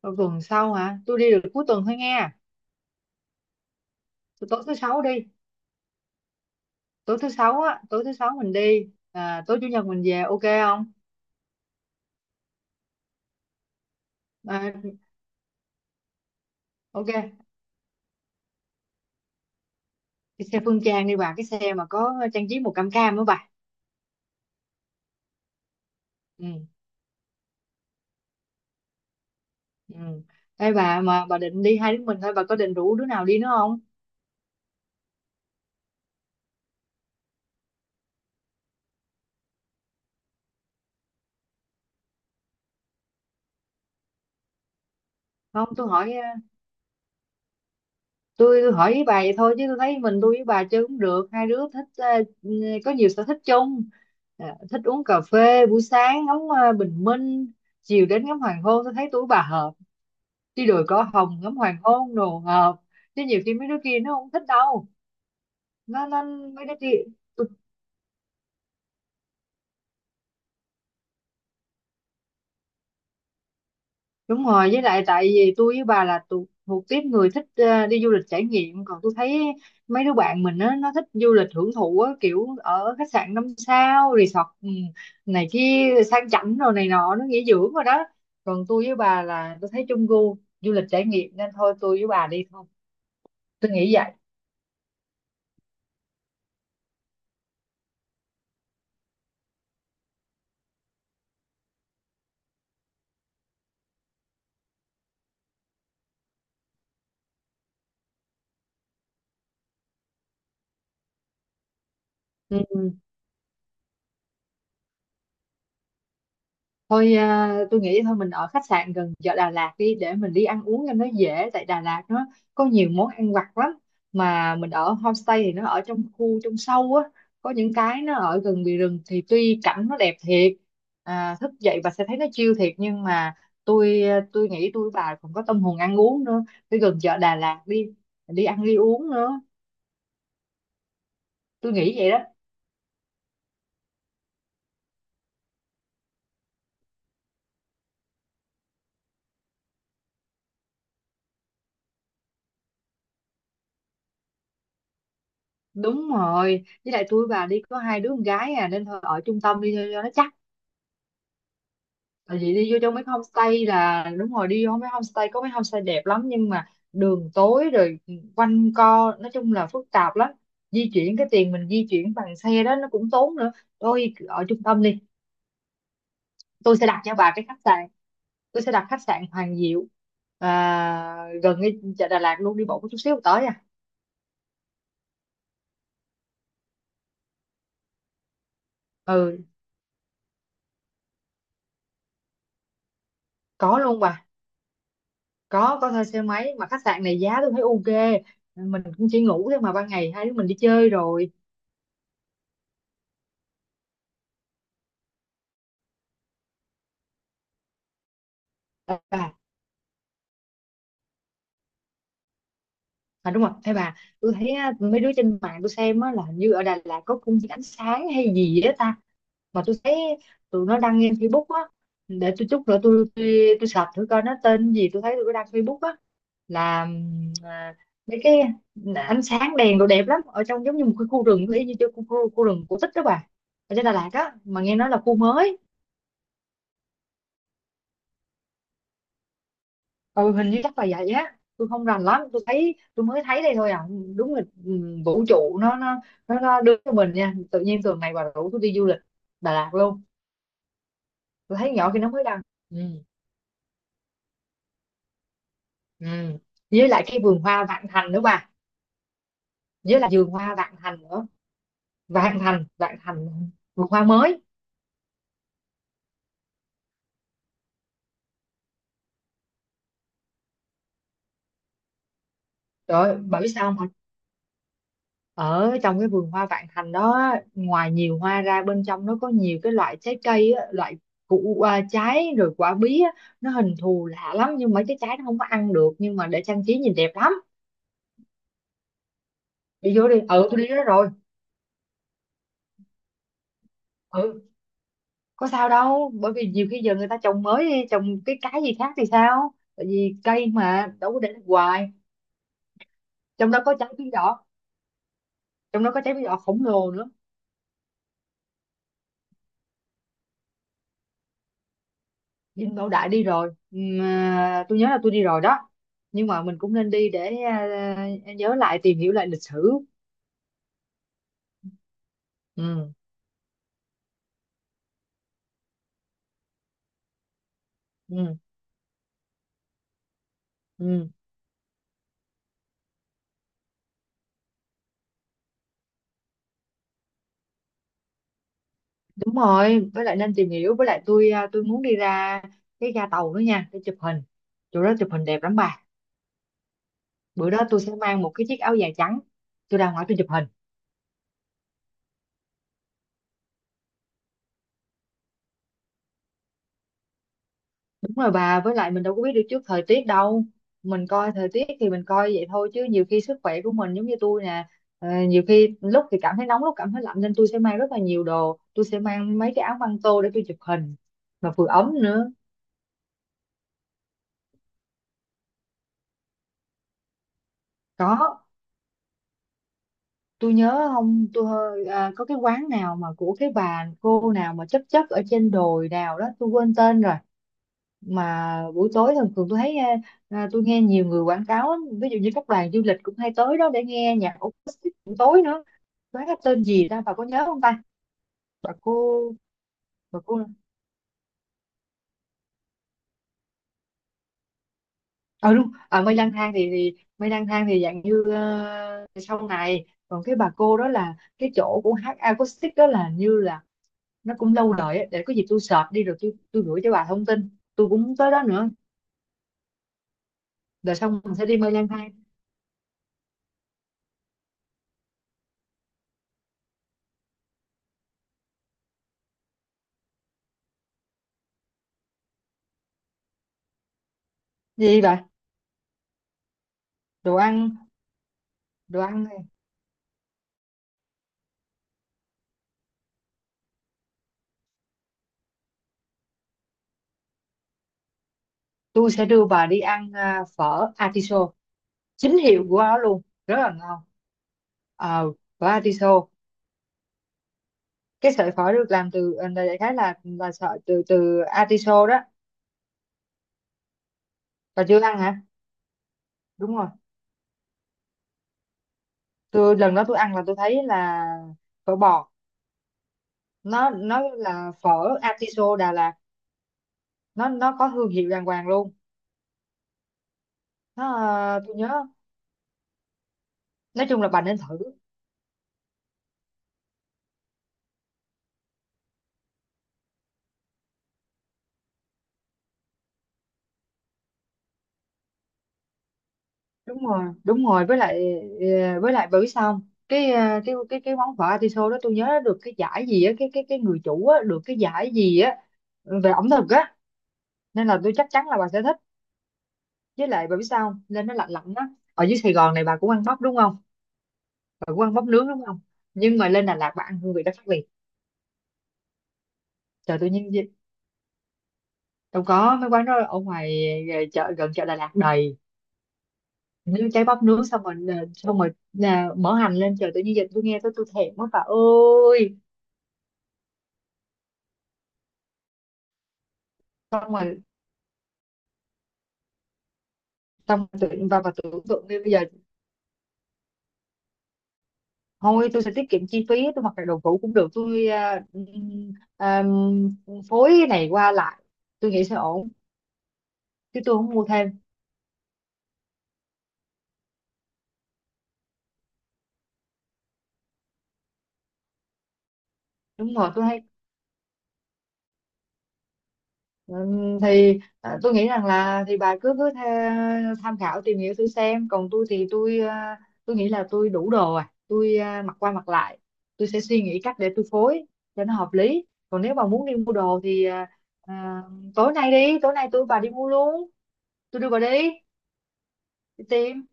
Ờ, Tuần sau hả? Tôi đi được cuối tuần thôi nghe. Tôi tối thứ sáu đi, tối thứ sáu á, tối thứ sáu mình đi, tối chủ nhật mình về, ok không? à, ok. Cái xe Phương Trang đi bà, cái xe mà có trang trí màu cam cam á bà. Ừ. Ừ. Ê bà, mà bà định đi hai đứa mình thôi? Bà có định rủ đứa nào đi nữa không? Không, tôi hỏi tôi hỏi với bà vậy thôi, chứ tôi thấy mình tôi với bà chơi cũng được. Hai đứa thích có nhiều sở thích chung. Thích uống cà phê buổi sáng, ngắm bình minh, chiều đến ngắm hoàng hôn. Tôi thấy tôi với bà hợp, chứ đồi có hồng ngắm hoàng hôn đồ ngợp. Chứ nhiều khi mấy đứa kia nó không thích đâu. Nó mấy đứa kia. tôi- Đúng rồi, với lại tại vì tôi với bà là thuộc tiếp người thích đi du lịch trải nghiệm. Còn tôi thấy mấy đứa bạn mình á, nó thích du lịch hưởng thụ á, kiểu ở khách sạn năm sao, resort, này kia sang chảnh rồi này nọ, nó nghỉ dưỡng rồi đó. Còn tôi với bà là tôi thấy chung gu du lịch trải nghiệm, nên thôi tôi với bà đi thôi, tôi nghĩ vậy. Ừ. Tôi nghĩ thôi mình ở khách sạn gần chợ Đà Lạt đi, để mình đi ăn uống cho nó dễ, tại Đà Lạt nó có nhiều món ăn vặt lắm. Mà mình ở homestay thì nó ở trong khu, trong sâu á, có những cái nó ở gần bìa rừng, thì tuy cảnh nó đẹp thiệt, thức dậy và sẽ thấy nó chill thiệt, nhưng mà tôi tôi nghĩ tôi với bà còn có tâm hồn ăn uống nữa. Đi gần chợ Đà Lạt đi, đi ăn đi uống nữa, tôi nghĩ vậy đó. Đúng rồi, với lại tôi với bà đi có hai đứa con gái à, nên thôi ở trung tâm đi cho nó chắc. Tại vì đi vô trong mấy homestay là đúng rồi, đi vô mấy homestay, có mấy homestay đẹp lắm nhưng mà đường tối rồi, quanh co, nói chung là phức tạp lắm. Di chuyển cái tiền mình di chuyển bằng xe đó nó cũng tốn nữa. Tôi ở trung tâm đi. Tôi sẽ đặt cho bà cái khách sạn, tôi sẽ đặt khách sạn Hoàng Diệu, gần cái chợ Đà Lạt luôn, đi bộ có chút xíu tới à. Ừ. Có luôn bà, có thuê xe máy. Mà khách sạn này giá tôi thấy ok. Mình cũng chỉ ngủ thôi mà, ban ngày hai đứa mình đi chơi rồi. À, à đúng rồi. Ê bà, tôi thấy á, mấy đứa trên mạng tôi xem á, là hình như ở Đà Lạt có công viên ánh sáng hay gì đó ta. Mà tôi thấy tụi nó đăng lên Facebook á. Để tôi chút nữa tôi search thử coi nó tên gì. Tôi thấy tụi nó đăng Facebook á là mấy cái ánh sáng đèn đồ đẹp lắm, ở trong giống như một cái khu rừng, y như chỗ khu rừng cổ tích đó bà, ở trên Đà Lạt á, mà nghe nói là khu mới. Ừ, hình như chắc là vậy á, tôi không rành lắm, tôi thấy tôi mới thấy đây thôi à. Đúng là vũ trụ nó đưa cho mình nha, tự nhiên tuần này bà rủ tôi đi du lịch Đà Lạt luôn. Tôi thấy nhỏ khi nó mới đăng. Ừ. Ừ. Với lại cái vườn hoa Vạn Thành nữa bà. Với lại vườn hoa Vạn Thành nữa. Vạn Thành, Vạn Thành, vườn hoa mới. Trời ơi, bà biết sao không? Ở trong cái vườn hoa Vạn Thành đó, ngoài nhiều hoa ra, bên trong nó có nhiều cái loại trái cây á, loại củ, trái, rồi quả bí á, nó hình thù lạ lắm, nhưng mà cái trái nó không có ăn được, nhưng mà để trang trí nhìn đẹp lắm. Đi vô đi, ừ tôi đi đó rồi. Ừ, có sao đâu, bởi vì nhiều khi giờ người ta trồng mới đi, trồng cái gì khác thì sao, tại vì cây mà đâu có để hoài. Trong đó có trái bí đỏ, trong đó có trái bí đỏ khổng lồ nữa. Dinh Bảo Đại đi rồi. Tôi nhớ là tôi đi rồi đó, nhưng mà mình cũng nên đi để nhớ lại, tìm hiểu lại lịch sử. Ừ, ừ, ừ. Đúng rồi, với lại nên tìm hiểu. Với lại tôi tôi muốn đi ra cái ga tàu nữa nha, để chụp hình, chỗ đó chụp hình đẹp lắm bà. Bữa đó tôi sẽ mang một cái chiếc áo dài trắng, tôi ra ngoài tôi chụp hình. Đúng rồi bà, với lại mình đâu có biết được trước thời tiết đâu. Mình coi thời tiết thì mình coi vậy thôi, chứ nhiều khi sức khỏe của mình, giống như tôi nè, nhiều khi lúc thì cảm thấy nóng, lúc cảm thấy lạnh, nên tôi sẽ mang rất là nhiều đồ, tôi sẽ mang mấy cái áo băng tô để tôi chụp hình mà vừa ấm nữa. Có, tôi nhớ không, có cái quán nào mà của cái bà cô nào mà chấp chấp ở trên đồi nào đó, tôi quên tên rồi. Mà buổi tối thường thường tôi thấy tôi nghe nhiều người quảng cáo á, ví dụ như các đoàn du lịch cũng hay tới đó để nghe nhạc acoustic buổi tối nữa. Quán cái tên gì ta, bà có nhớ không ta? Bà cô, bà cô. Ờ đúng, mây lang thang thì mây lang thang thì dạng như sau này, còn cái bà cô đó là cái chỗ của hát acoustic đó, là như là nó cũng lâu đời á. Để có gì tôi search đi rồi tôi gửi cho bà thông tin. Tôi cũng muốn tới đó nữa. Rồi xong mình sẽ đi mây lang thang. Gì bà? Đồ ăn. Đồ ăn. Tôi sẽ đưa bà đi ăn phở artiso, chính hiệu của nó luôn, rất là ngon. Ờ, phở artiso. Cái sợi phở được làm từ đại khái là sợi từ từ artiso đó. Bà chưa ăn hả? Đúng rồi, tôi lần đó tôi ăn là tôi thấy là phở bò. Nó là phở artiso Đà Lạt, nó có thương hiệu đàng hoàng luôn. Nó à, tôi nhớ Nói chung là bà nên thử. Đúng rồi, đúng rồi, với lại với lại bởi xong cái món phở atiso đó, tôi nhớ được cái giải gì á, cái người chủ á được cái giải gì á, về ẩm thực á. Nên là tôi chắc chắn là bà sẽ thích. Với lại bà biết sao không? Lên nó lạnh lạnh á, ở dưới Sài Gòn này bà cũng ăn bắp đúng không? Bà cũng ăn bắp nướng đúng không? Nhưng mà lên Đà Lạt bà ăn hương vị đó khác biệt. Trời tự nhiên gì- Đâu có, mấy quán đó ở ngoài chợ, gần chợ Đà Lạt đầy. Nướng cháy bắp nướng, xong rồi xong rồi mở hành lên, trời tự nhiên giờ tôi nghe tôi thèm quá bà ơi. Xong rồi. Xong tưởng và tưởng tượng như bây giờ. Thôi tôi sẽ tiết kiệm chi phí, tôi mặc lại đồ cũ cũng được, tôi à, phối cái này qua lại, tôi nghĩ sẽ ổn, chứ tôi không mua thêm. Đúng rồi, tôi thấy tôi nghĩ rằng là thì bà cứ cứ tha, tham khảo, tìm hiểu thử xem. Còn tôi thì tôi tôi nghĩ là tôi đủ đồ tôi mặc qua mặc lại, tôi sẽ suy nghĩ cách để tôi phối cho nó hợp lý. Còn nếu bà muốn đi mua đồ thì à, tối nay đi, tối nay tôi bà đi mua luôn, tôi đưa bà đi. Tim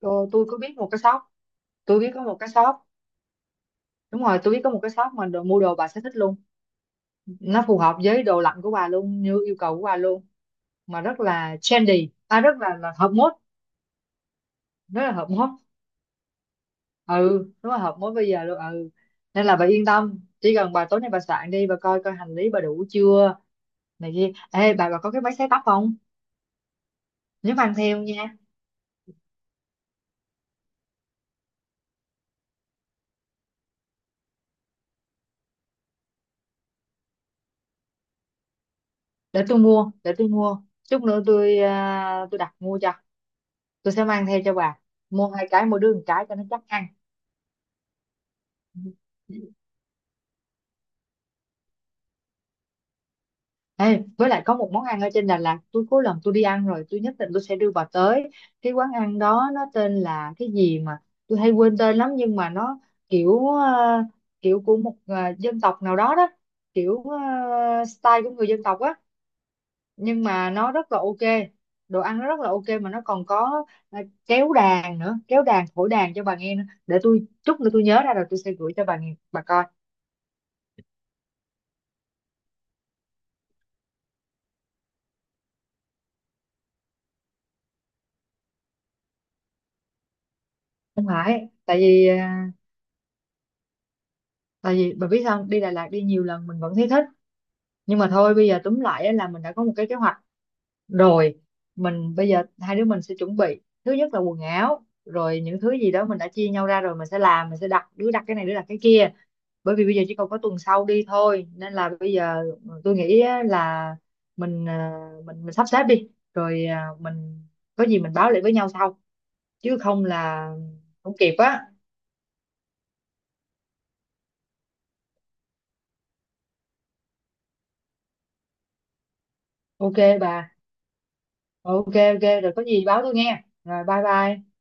rồi, tôi có biết một cái shop, tôi biết có một cái shop. Đúng rồi, tôi biết có một cái shop mà mua đồ bà sẽ thích luôn, nó phù hợp với đồ lạnh của bà luôn, như yêu cầu của bà luôn, mà rất là trendy, là hợp mốt, rất là hợp mốt. Ừ đúng là hợp mốt bây giờ luôn. Ừ, nên là bà yên tâm, chỉ cần bà tối nay bà soạn đi, bà coi coi hành lý bà đủ chưa, này kia. Ê bà có cái máy sấy tóc không? Nhớ mang theo nha. Để tôi mua chút nữa tôi tôi đặt mua cho, tôi sẽ mang theo cho bà. Mua hai cái, mỗi đứa một cái cho nó chắc ăn. Ê, với lại có một món ăn ở trên Đà Lạt tôi cuối lần tôi đi ăn rồi, tôi nhất định tôi sẽ đưa bà tới cái quán ăn đó. Nó tên là cái gì mà tôi hay quên tên lắm, nhưng mà nó kiểu kiểu của một dân tộc nào đó đó, kiểu style của người dân tộc á, nhưng mà nó rất là ok. Đồ ăn nó rất là ok, mà nó còn có kéo đàn nữa, kéo đàn thổi đàn cho bà nghe nữa. Để tôi chút nữa tôi nhớ ra rồi, tôi sẽ gửi cho bà nghe, bà coi. Không phải, tại vì tại vì bà biết sao không? Đi Đà Lạt đi nhiều lần mình vẫn thấy thích. Nhưng mà thôi bây giờ túm lại á, là mình đã có một cái kế hoạch rồi. Mình bây giờ hai đứa mình sẽ chuẩn bị, thứ nhất là quần áo, rồi những thứ gì đó mình đã chia nhau ra, rồi mình sẽ làm, mình sẽ đặt, đứa đặt cái này, đứa đặt cái kia. Bởi vì bây giờ chỉ còn có tuần sau đi thôi, nên là bây giờ tôi nghĩ á là mình à, mình mình sắp xếp đi, rồi mình có gì mình báo lại với nhau sau, chứ không là không kịp á. Ok bà. Ờ, ok. Rồi có gì báo tôi nghe. Rồi bye bye.